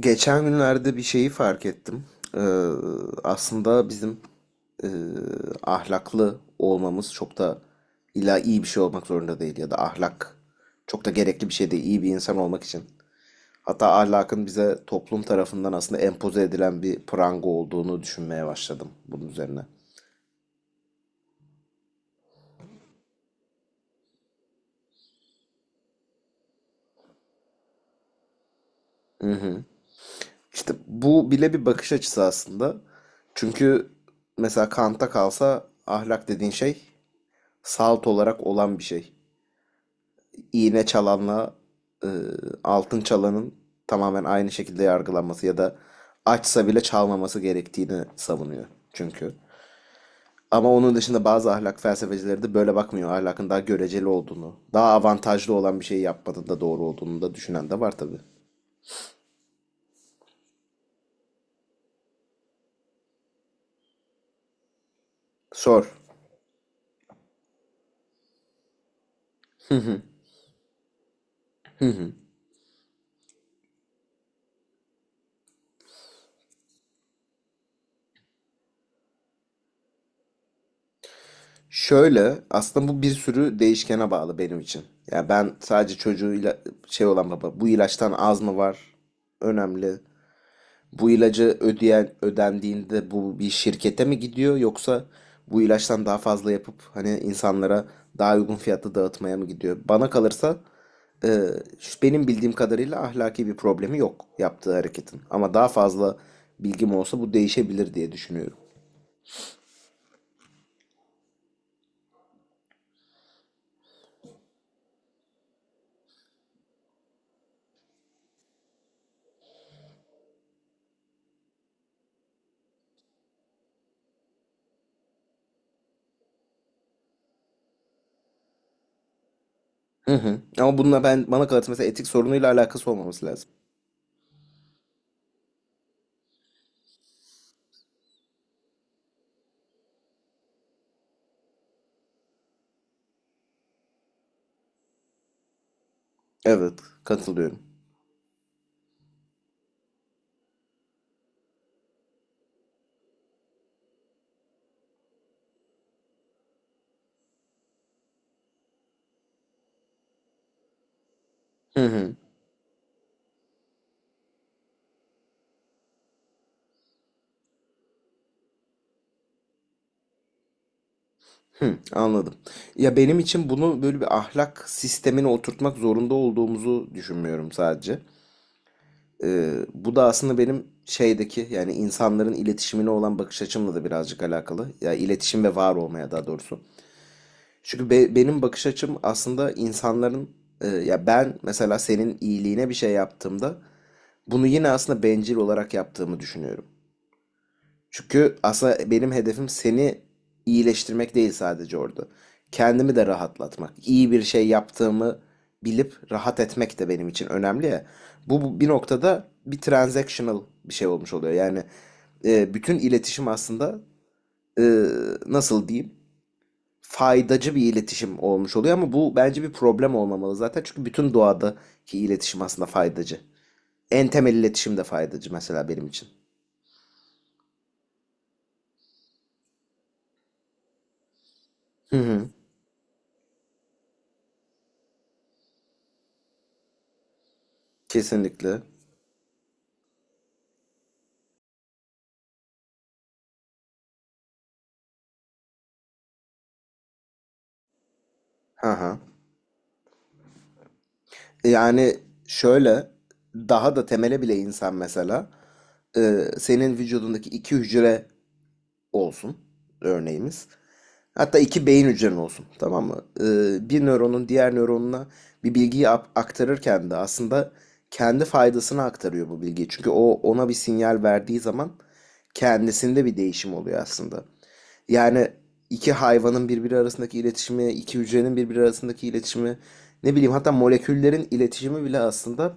Geçen günlerde bir şeyi fark ettim. Ee, Aslında bizim e, ahlaklı olmamız çok da illa iyi bir şey olmak zorunda değil ya da ahlak çok da gerekli bir şey değil iyi bir insan olmak için. Hatta ahlakın bize toplum tarafından aslında empoze edilen bir pranga olduğunu düşünmeye başladım bunun üzerine. İşte bu bile bir bakış açısı aslında. Çünkü mesela Kant'a kalsa ahlak dediğin şey salt olarak olan bir şey. İğne çalanla e, altın çalanın tamamen aynı şekilde yargılanması ya da açsa bile çalmaması gerektiğini savunuyor çünkü. Ama onun dışında bazı ahlak felsefecileri de böyle bakmıyor. Ahlakın daha göreceli olduğunu, daha avantajlı olan bir şeyi yapmanın da doğru olduğunu da düşünen de var tabii. Sor. Şöyle aslında bu bir sürü değişkene bağlı benim için. Yani ben sadece çocuğuyla şey olan baba bu ilaçtan az mı var önemli. Bu ilacı ödeyen ödendiğinde bu bir şirkete mi gidiyor yoksa bu ilaçtan daha fazla yapıp hani insanlara daha uygun fiyatla dağıtmaya mı gidiyor? Bana kalırsa e, benim bildiğim kadarıyla ahlaki bir problemi yok yaptığı hareketin. Ama daha fazla bilgim olsa bu değişebilir diye düşünüyorum. Hı hı. Ama bununla ben bana kalırsa mesela etik sorunuyla alakası olmaması lazım. Evet, katılıyorum. Hı hı. Hı, anladım. Ya benim için bunu böyle bir ahlak sistemine oturtmak zorunda olduğumuzu düşünmüyorum sadece. Bu da aslında benim şeydeki yani insanların iletişimine olan bakış açımla da birazcık alakalı. Ya iletişim ve var olmaya daha doğrusu. Çünkü benim bakış açım aslında insanların ya ben mesela senin iyiliğine bir şey yaptığımda bunu yine aslında bencil olarak yaptığımı düşünüyorum. Çünkü aslında benim hedefim seni iyileştirmek değil sadece orada. Kendimi de rahatlatmak. İyi bir şey yaptığımı bilip rahat etmek de benim için önemli ya. Bu bir noktada bir transactional bir şey olmuş oluyor. Yani bütün iletişim aslında e, nasıl diyeyim faydacı bir iletişim olmuş oluyor ama bu bence bir problem olmamalı zaten. Çünkü bütün doğadaki iletişim aslında faydacı. En temel iletişim de faydacı mesela benim için. Hı hı. Kesinlikle. Hı hı. Yani şöyle daha da temele bile insan mesela senin vücudundaki iki hücre olsun örneğimiz. Hatta iki beyin hücren olsun tamam mı? Bir nöronun diğer nöronuna bir bilgiyi aktarırken de aslında kendi faydasına aktarıyor bu bilgiyi. Çünkü o ona bir sinyal verdiği zaman kendisinde bir değişim oluyor aslında. Yani iki hayvanın birbiri arasındaki iletişimi, iki hücrenin birbiri arasındaki iletişimi, ne bileyim hatta moleküllerin iletişimi bile aslında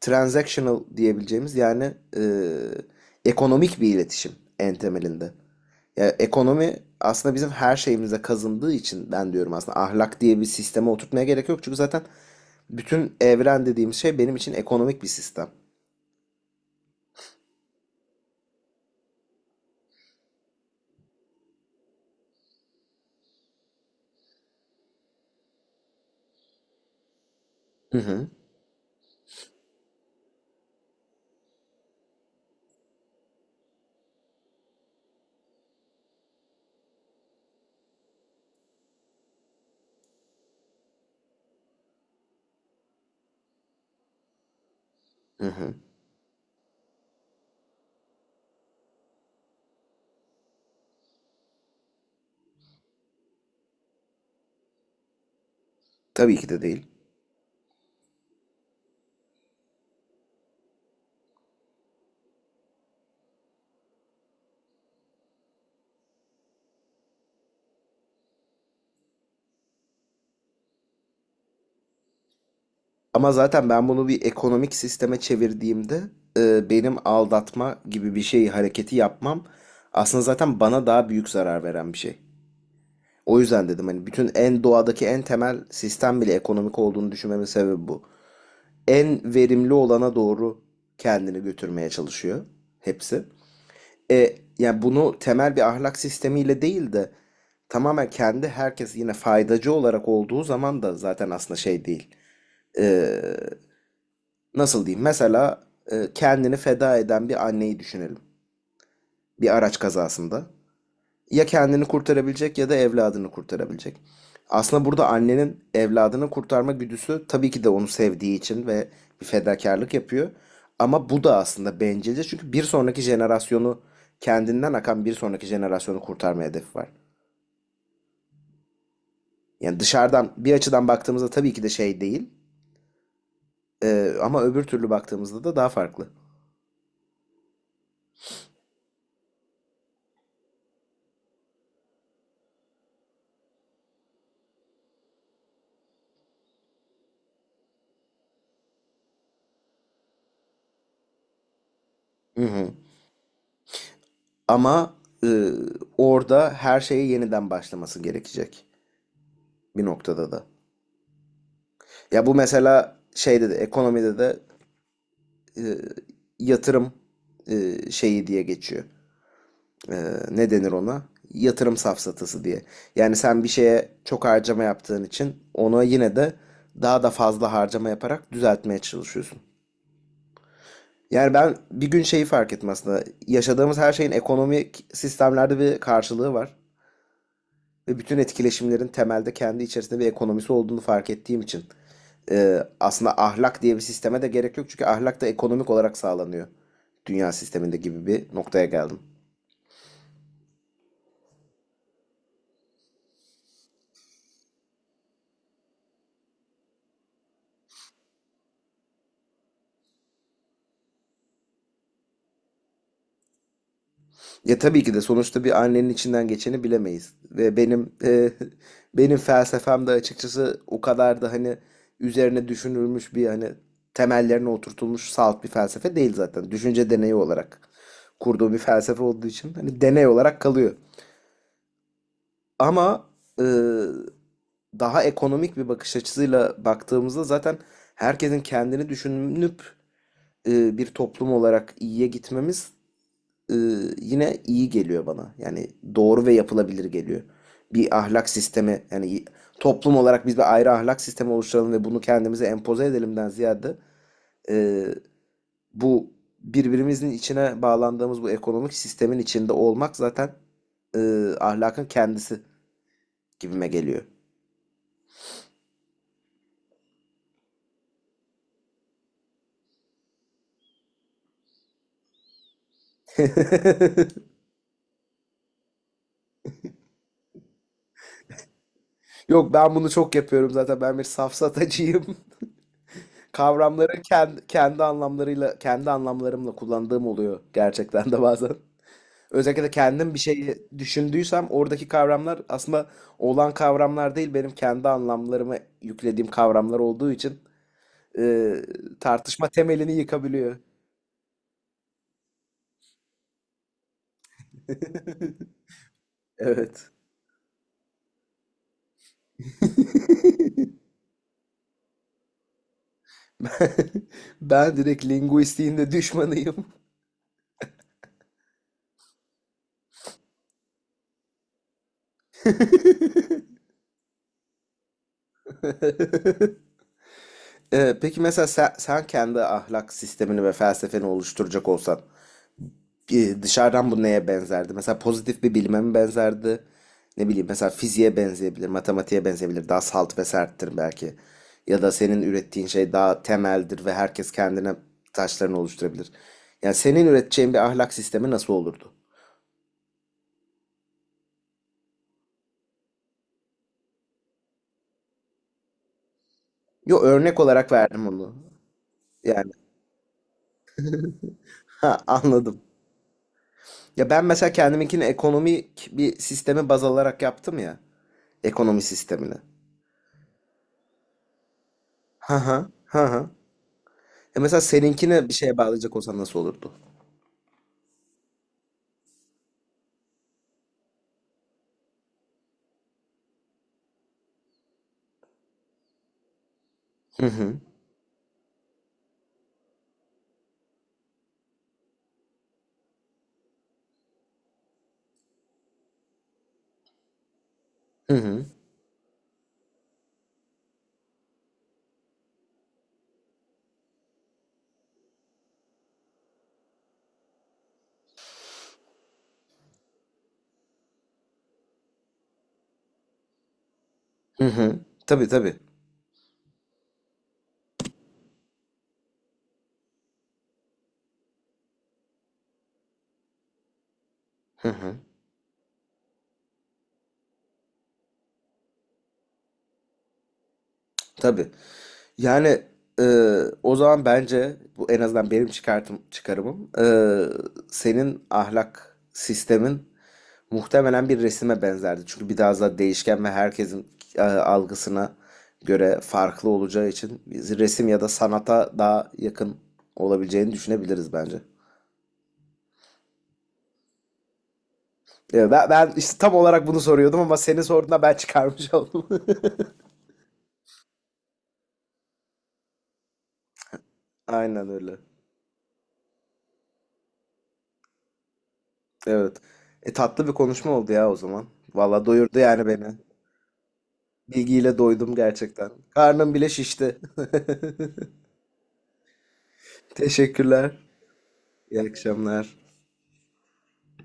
transactional diyebileceğimiz yani ekonomik bir iletişim en temelinde. Yani ekonomi aslında bizim her şeyimize kazındığı için ben diyorum aslında ahlak diye bir sisteme oturtmaya gerek yok. Çünkü zaten bütün evren dediğimiz şey benim için ekonomik bir sistem. Hı hı, hı hı. Tabii ki de değil. Ama zaten ben bunu bir ekonomik sisteme çevirdiğimde benim aldatma gibi bir şey hareketi yapmam aslında zaten bana daha büyük zarar veren bir şey. O yüzden dedim hani bütün en doğadaki en temel sistem bile ekonomik olduğunu düşünmemin sebebi bu. En verimli olana doğru kendini götürmeye çalışıyor hepsi. Yani bunu temel bir ahlak sistemiyle değil de tamamen kendi herkes yine faydacı olarak olduğu zaman da zaten aslında şey değil e, nasıl diyeyim? Mesela kendini feda eden bir anneyi düşünelim. Bir araç kazasında. Ya kendini kurtarabilecek ya da evladını kurtarabilecek. Aslında burada annenin evladını kurtarma güdüsü tabii ki de onu sevdiği için ve bir fedakarlık yapıyor. Ama bu da aslında bencilce çünkü bir sonraki jenerasyonu kendinden akan bir sonraki jenerasyonu kurtarma hedefi var. Yani dışarıdan bir açıdan baktığımızda tabii ki de şey değil. Ama öbür türlü baktığımızda da daha farklı. Hı hı. Ama e, orada her şeyi yeniden başlaması gerekecek bir noktada da. Ya bu mesela şeyde de ekonomide de e, yatırım şeyi diye geçiyor. E, Ne denir ona? Yatırım safsatası diye. Yani sen bir şeye çok harcama yaptığın için ona yine de daha da fazla harcama yaparak düzeltmeye çalışıyorsun. Yani ben bir gün şeyi fark ettim aslında. Yaşadığımız her şeyin ekonomik sistemlerde bir karşılığı var. Ve bütün etkileşimlerin temelde kendi içerisinde bir ekonomisi olduğunu fark ettiğim için aslında ahlak diye bir sisteme de gerek yok. Çünkü ahlak da ekonomik olarak sağlanıyor dünya sisteminde gibi bir noktaya geldim. Ya tabii ki de sonuçta bir annenin içinden geçeni bilemeyiz. Ve benim benim felsefem de açıkçası o kadar da hani üzerine düşünülmüş bir hani temellerine oturtulmuş salt bir felsefe değil zaten. Düşünce deneyi olarak kurduğu bir felsefe olduğu için hani deney olarak kalıyor. Ama ııı, daha ekonomik bir bakış açısıyla baktığımızda zaten herkesin kendini düşünüp bir toplum olarak iyiye gitmemiz yine iyi geliyor bana. Yani doğru ve yapılabilir geliyor. Bir ahlak sistemi yani toplum olarak biz bir ayrı ahlak sistemi oluşturalım ve bunu kendimize empoze edelimden ziyade ııı, bu birbirimizin içine bağlandığımız bu ekonomik sistemin içinde olmak zaten ahlakın kendisi gibime geliyor. Yok ben bunu çok yapıyorum zaten. Ben bir safsatacıyım. Kavramları kendi anlamlarımla kullandığım oluyor gerçekten de bazen. Özellikle de kendim bir şey düşündüysem oradaki kavramlar aslında olan kavramlar değil benim kendi anlamlarıma yüklediğim kavramlar olduğu için e, tartışma temelini yıkabiliyor. Evet. Ben direkt linguistiğin de düşmanıyım. Peki mesela sen kendi ahlak sistemini ve felsefeni oluşturacak olsan dışarıdan bu neye benzerdi? Mesela pozitif bir bilime mi benzerdi? Ne bileyim mesela fiziğe benzeyebilir, matematiğe benzeyebilir. Daha salt ve serttir belki. Ya da senin ürettiğin şey daha temeldir ve herkes kendine taşlarını oluşturabilir. Yani senin üreteceğin bir ahlak sistemi nasıl olurdu? Yo örnek olarak verdim onu. Yani ha anladım. Ya ben mesela kendiminkini ekonomik bir sistemi baz alarak yaptım ya ekonomi sistemini. Ha ha ha ha. E mesela seninkine bir şeye bağlayacak olsan nasıl olurdu? Hı hı. Hı hı. Hı hı. Tabii tabii. Hı hı. Tabii. Yani e, o zaman bence bu en azından benim çıkarımım senin ahlak sistemin muhtemelen bir resime benzerdi. Çünkü bir daha fazla değişken ve herkesin algısına göre farklı olacağı için biz resim ya da sanata daha yakın olabileceğini düşünebiliriz bence. Ya ben işte tam olarak bunu soruyordum ama senin sorduğunda ben çıkarmış oldum. Aynen öyle. Evet. E tatlı bir konuşma oldu ya o zaman. Valla doyurdu yani beni. Bilgiyle doydum gerçekten. Karnım bile şişti. Teşekkürler. İyi akşamlar.